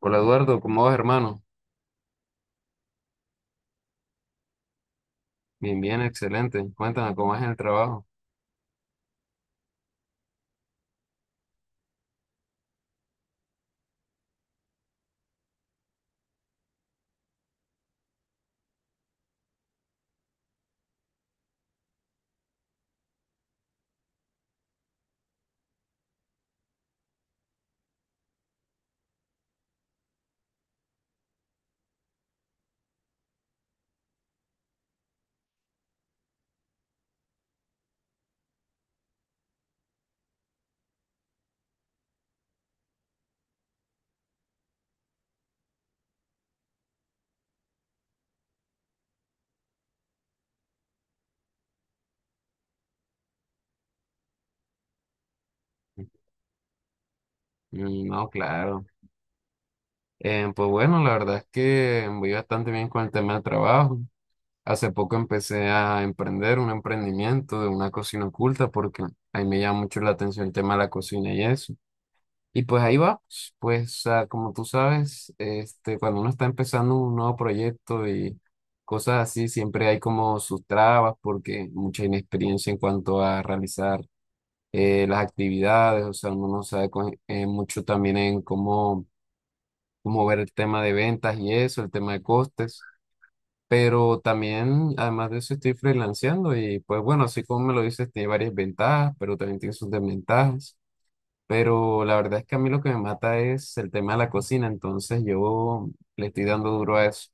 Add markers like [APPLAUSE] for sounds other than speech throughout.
Hola Eduardo, ¿cómo vas, hermano? Bien, bien, excelente. Cuéntame cómo es en el trabajo. Mm, no, claro. Pues bueno, la verdad es que voy bastante bien con el tema del trabajo. Hace poco empecé a emprender un emprendimiento de una cocina oculta porque ahí me llama mucho la atención el tema de la cocina y eso. Y pues ahí va. Pues como tú sabes, este, cuando uno está empezando un nuevo proyecto y cosas así, siempre hay como sus trabas porque mucha inexperiencia en cuanto a realizar las actividades, o sea, uno no sabe mucho también en cómo ver el tema de ventas y eso, el tema de costes, pero también, además de eso, estoy freelanceando y pues bueno, así como me lo dices, tiene varias ventajas, pero también tiene sus desventajas, pero la verdad es que a mí lo que me mata es el tema de la cocina, entonces yo le estoy dando duro a eso.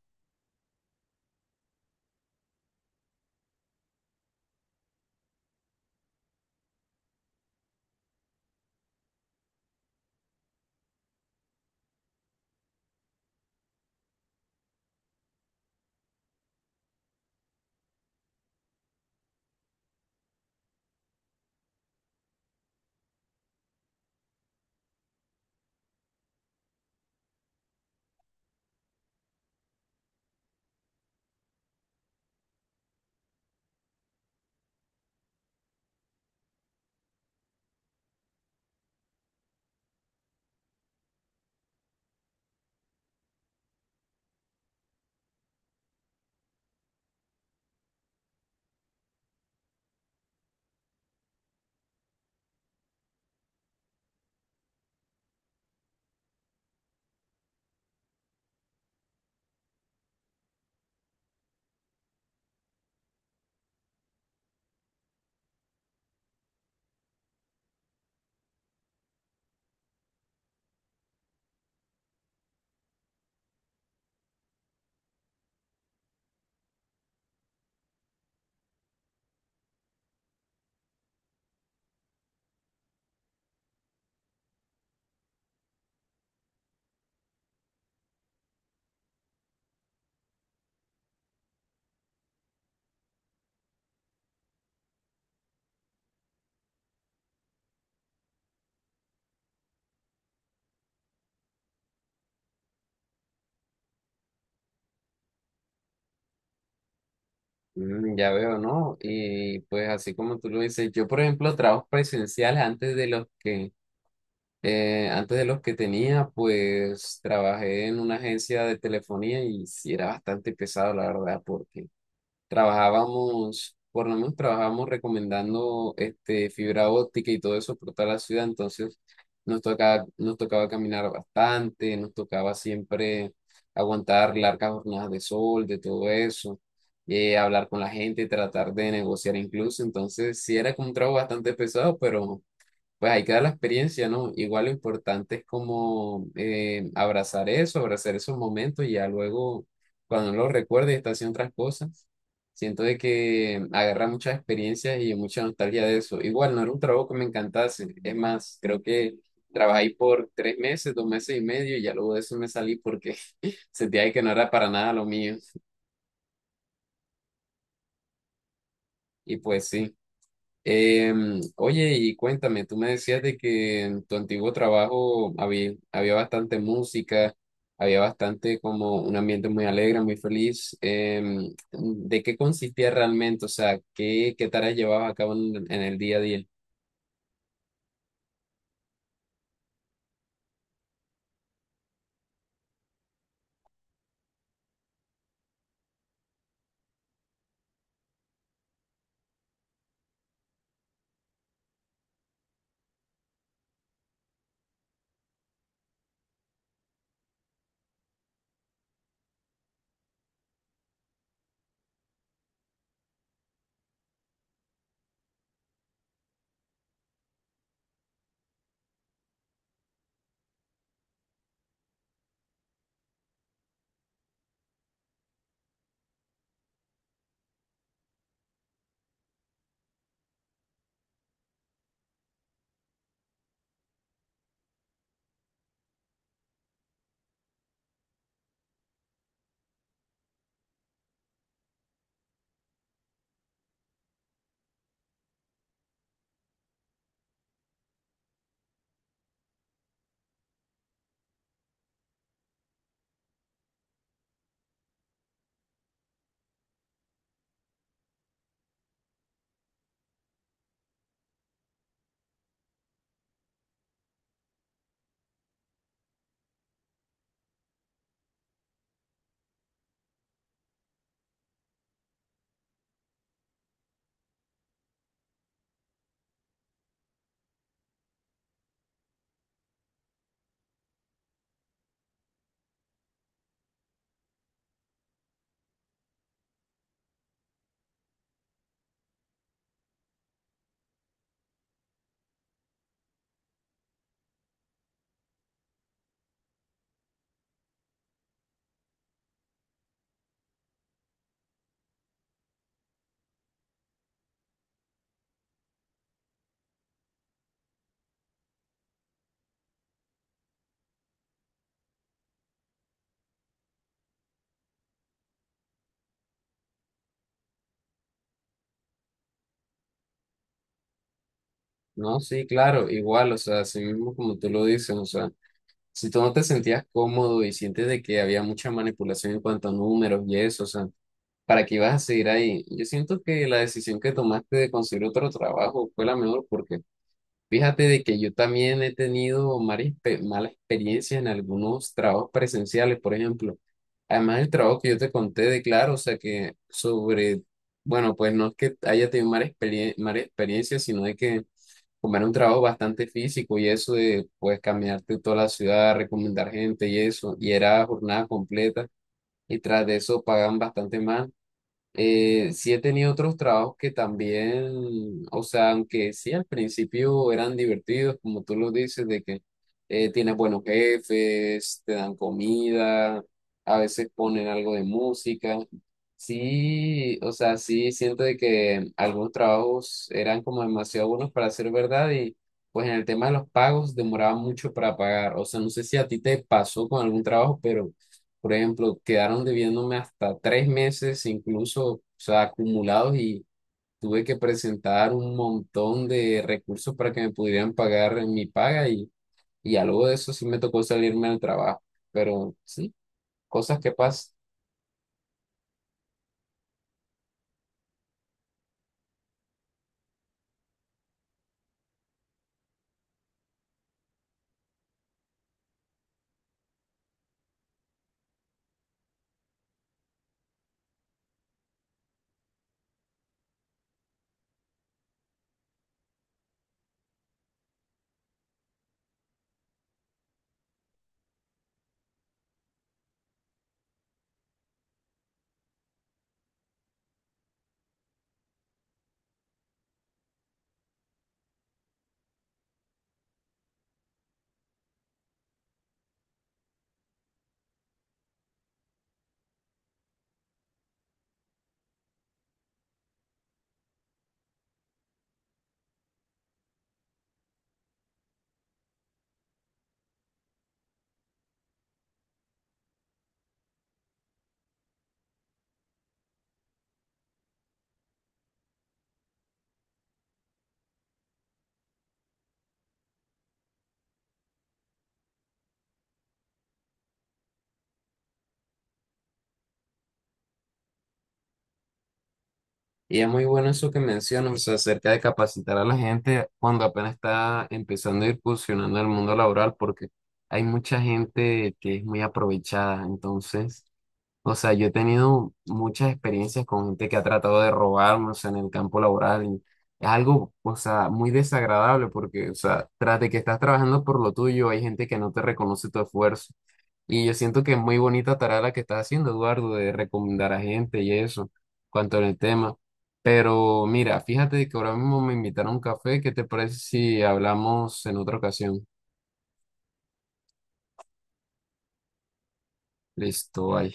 Mm, ya veo, ¿no? Y pues así como tú lo dices, yo por ejemplo, trabajos presenciales antes de los que antes de los que tenía, pues trabajé en una agencia de telefonía y sí era bastante pesado, la verdad, porque trabajábamos, por lo menos trabajábamos recomendando este, fibra óptica y todo eso por toda la ciudad, entonces nos tocaba caminar bastante, nos tocaba siempre aguantar largas jornadas de sol, de todo eso, hablar con la gente, tratar de negociar incluso, entonces sí era como un trabajo bastante pesado, pero pues ahí queda la experiencia, ¿no? Igual lo importante es como abrazar eso, abrazar esos momentos y ya luego, cuando uno lo recuerde y está haciendo otras cosas, siento de que agarra muchas experiencias y mucha nostalgia de eso. Igual no era un trabajo que me encantase, es más, creo que trabajé ahí por 3 meses, 2 meses y medio y ya luego de eso me salí porque [LAUGHS] sentía que no era para nada lo mío. Y pues sí. Em, oye, y cuéntame, tú me decías de que en tu antiguo trabajo había bastante música, había bastante como un ambiente muy alegre, muy feliz. Em, ¿de qué consistía realmente? O sea, ¿ qué tareas llevabas a cabo en el día a día? No, sí, claro, igual, o sea, así mismo como tú lo dices, o sea, si tú no te sentías cómodo y sientes de que había mucha manipulación en cuanto a números y eso, o sea, para que ibas a seguir ahí. Yo siento que la decisión que tomaste de conseguir otro trabajo fue la mejor porque fíjate de que yo también he tenido mala experiencia en algunos trabajos presenciales, por ejemplo. Además, el trabajo que yo te conté de claro, o sea que sobre, bueno, pues no es que haya tenido mala experiencia, sino de que como era un trabajo bastante físico y eso de pues caminarte toda la ciudad, recomendar gente y eso, y era jornada completa y tras de eso pagan bastante más. Sí he tenido otros trabajos que también, o sea, aunque sí al principio eran divertidos, como tú lo dices, de que tienes buenos jefes, te dan comida, a veces ponen algo de música. Sí, o sea, sí siento de que algunos trabajos eran como demasiado buenos para ser verdad y pues en el tema de los pagos demoraba mucho para pagar. O sea, no sé si a ti te pasó con algún trabajo, pero... Por ejemplo, quedaron debiéndome hasta 3 meses, incluso, o sea, acumulados y tuve que presentar un montón de recursos para que me pudieran pagar en mi paga y ya luego de eso sí me tocó salirme del trabajo. Pero sí, cosas que pasan. Y es muy bueno eso que mencionas, o sea, acerca de capacitar a la gente cuando apenas está empezando a incursionando en el mundo laboral, porque hay mucha gente que es muy aprovechada, entonces... O sea, yo he tenido muchas experiencias con gente que ha tratado de robarme, o sea, en el campo laboral. Y es algo, o sea, muy desagradable porque, o sea, tras de que estás trabajando por lo tuyo, hay gente que no te reconoce tu esfuerzo. Y yo siento que es muy bonita tarea la que estás haciendo, Eduardo, de recomendar a gente y eso, cuanto al tema. Pero mira, fíjate que ahora mismo me invitaron a un café. ¿Qué te parece si hablamos en otra ocasión? Listo, bye.